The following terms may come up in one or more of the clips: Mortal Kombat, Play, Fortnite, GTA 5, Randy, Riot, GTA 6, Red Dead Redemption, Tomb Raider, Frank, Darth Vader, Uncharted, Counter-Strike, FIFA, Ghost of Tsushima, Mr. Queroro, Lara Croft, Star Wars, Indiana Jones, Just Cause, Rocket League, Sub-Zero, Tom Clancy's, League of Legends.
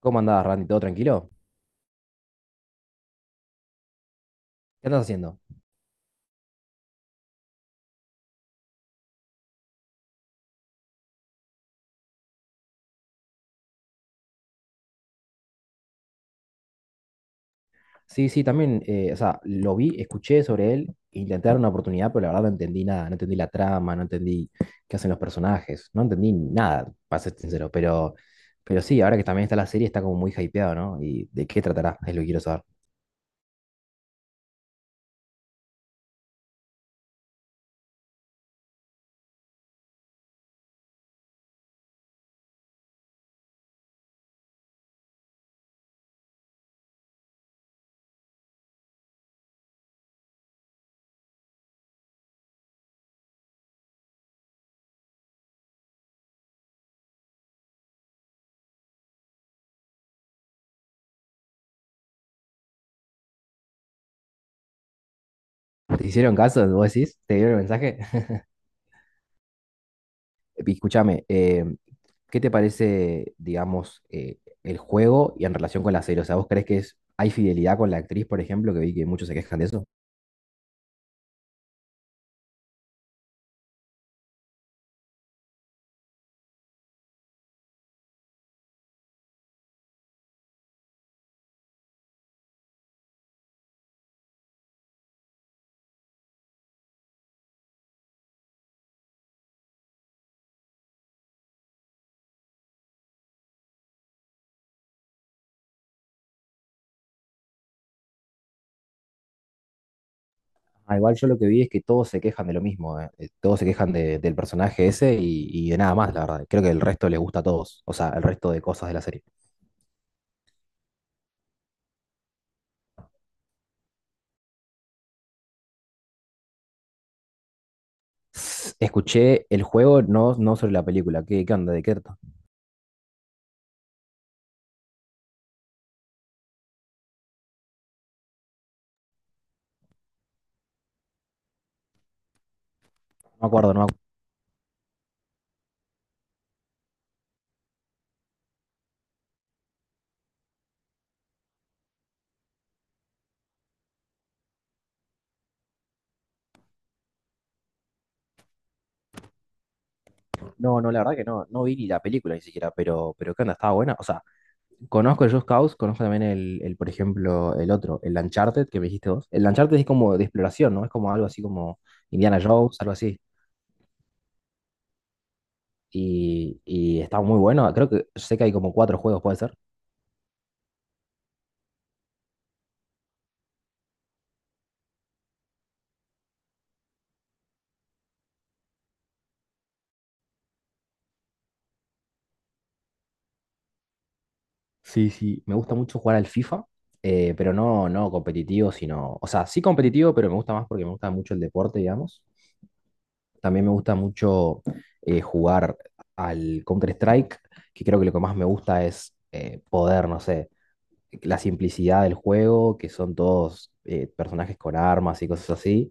¿Cómo andás, Randy? ¿Todo tranquilo? ¿Qué andas haciendo? Sí, sí, también, o sea, lo vi, escuché sobre él, intenté dar una oportunidad, pero la verdad no entendí nada, no entendí la trama, no entendí qué hacen los personajes, no entendí nada, para ser sincero, pero sí, ahora que también está la serie, está como muy hypeado, ¿no? ¿Y de qué tratará? Es lo que quiero saber. ¿Te hicieron caso? ¿Vos decís? ¿Te dieron el mensaje? Y escúchame, ¿qué te parece, digamos, el juego y en relación con la serie? O sea, ¿vos crees que es, hay fidelidad con la actriz, por ejemplo, que vi que muchos se quejan de eso? Ah, igual yo lo que vi es que todos se quejan de lo mismo, todos se quejan del personaje ese y de nada más, la verdad. Creo que el resto les gusta a todos, o sea, el resto de cosas de la serie. Escuché el juego, no, no sobre la película. ¿Qué onda? ¿De qué trata? No me acuerdo, no, no, la verdad que no, no vi ni la película ni siquiera, pero ¿qué onda? ¿Estaba buena? O sea, conozco el Just Cause, conozco también el, por ejemplo, el otro, el Uncharted, que me dijiste vos. El Uncharted es como de exploración, ¿no? Es como algo así como Indiana Jones, algo así. Y está muy bueno. Creo que sé que hay como cuatro juegos, puede ser. Sí, sí, me gusta mucho jugar al FIFA, pero no, no competitivo, sino, o sea, sí competitivo, pero me gusta más porque me gusta mucho el deporte, digamos. También me gusta mucho jugar al Counter-Strike, que creo que lo que más me gusta es poder, no sé, la simplicidad del juego, que son todos personajes con armas y cosas así,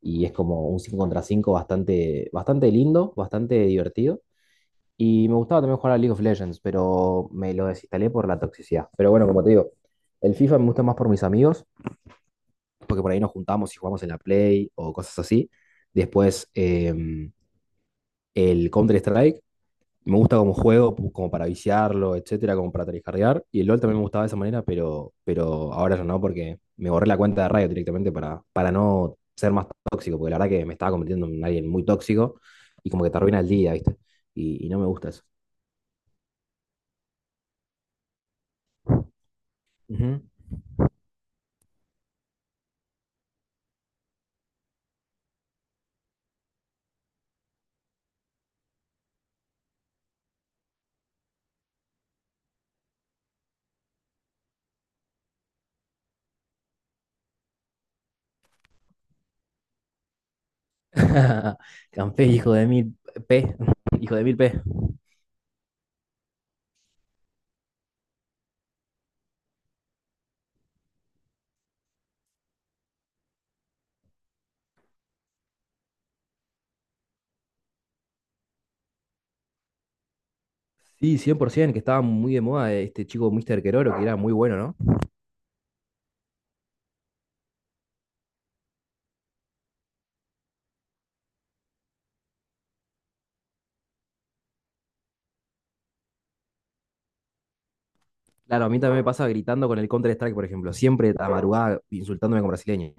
y es como un 5 contra 5 bastante, bastante lindo, bastante divertido. Y me gustaba también jugar a League of Legends, pero me lo desinstalé por la toxicidad. Pero bueno, como te digo, el FIFA me gusta más por mis amigos, porque por ahí nos juntamos y jugamos en la Play o cosas así. Después, el Counter-Strike me gusta como juego, como para viciarlo, etcétera, como para tryhardear. Y el LoL también me gustaba de esa manera, pero ahora ya no, porque me borré la cuenta de Riot directamente para no ser más tóxico, porque la verdad que me estaba convirtiendo en alguien muy tóxico y como que te arruina el día, ¿viste? Y no me gusta eso. Campé, hijo de mil P, hijo de mil P. Sí, 100%, que estaba muy de moda este chico Mr. Queroro, que era muy bueno, ¿no? Claro, a mí también me pasa gritando con el Counter-Strike, por ejemplo, siempre a la madrugada insultándome con brasileños.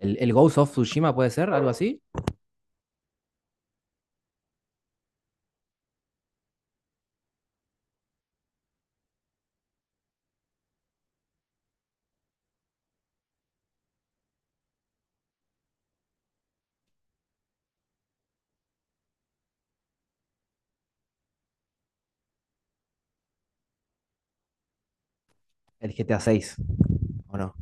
¿El Ghost of Tsushima puede ser algo así? El GTA 6, ¿o no?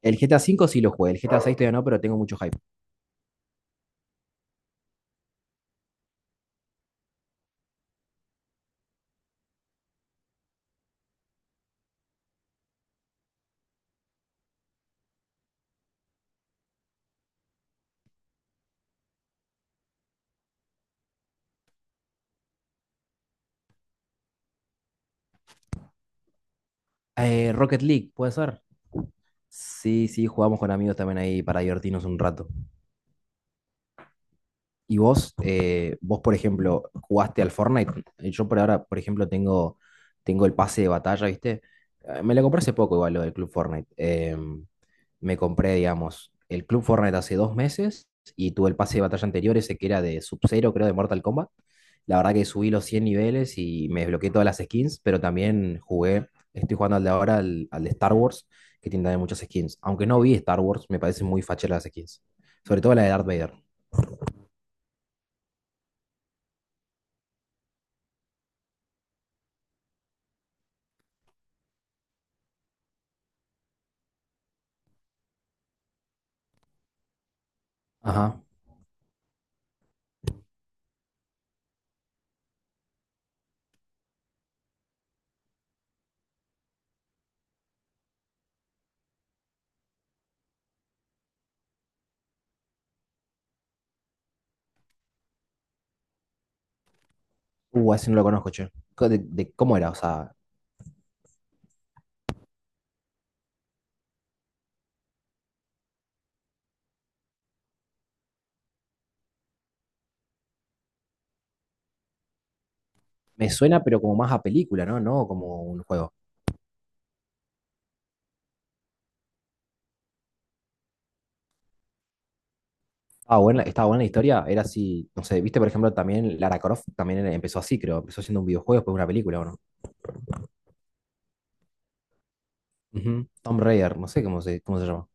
El GTA 5 sí lo jugué, el GTA 6 todavía no, pero tengo mucho hype. Rocket League, ¿puede ser? Sí, sí, jugamos con amigos también ahí para divertirnos un rato. Y vos, por ejemplo, jugaste al Fortnite. Yo por ahora, por ejemplo, tengo el pase de batalla, ¿viste? Me lo compré hace poco igual, lo del Club Fortnite. Me compré, digamos, el Club Fortnite hace 2 meses y tuve el pase de batalla anterior, ese que era de Sub-Zero, creo, de Mortal Kombat. La verdad que subí los 100 niveles y me desbloqueé todas las skins, pero también jugué, estoy jugando al de ahora, al de Star Wars, que tiene también muchas skins. Aunque no vi Star Wars, me parecen muy facheras las skins. Sobre todo la de Darth Vader. Ajá. Ese no lo conozco, che. De cómo era? O sea, me suena, pero como más a película, ¿no? No como un juego. Ah, buena, estaba buena la historia, era así, no sé, viste, por ejemplo, también Lara Croft también empezó así, creo. Empezó siendo un videojuego, después una película, ¿o no? Ujú. Tomb Raider, no sé cómo se llama.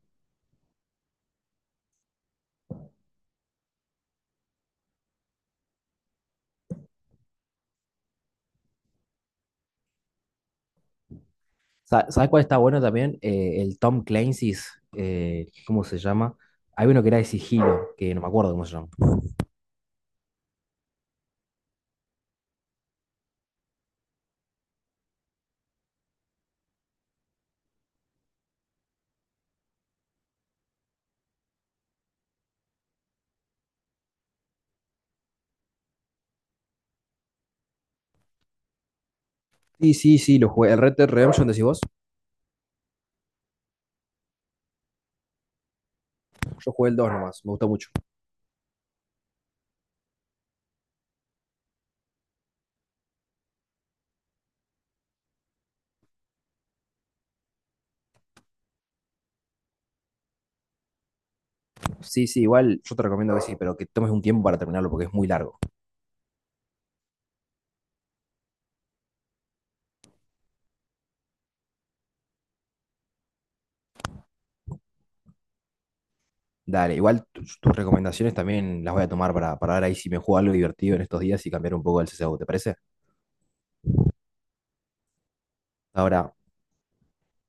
¿Sabes cuál está bueno también? El Tom Clancy's, ¿cómo se llama? Hay uno que era de sigilo, que no me acuerdo cómo se llama. Sí, sí, sí, lo jugué. ¿El Red Dead Redemption decís vos? Yo jugué el dos, nomás, me gustó mucho. Sí, sí, igual yo te recomiendo que sí, pero que tomes un tiempo para terminarlo porque es muy largo. Dale, igual tus recomendaciones también las voy a tomar para ver ahí si me juego algo divertido en estos días y cambiar un poco el CSGO, ¿te parece? Ahora,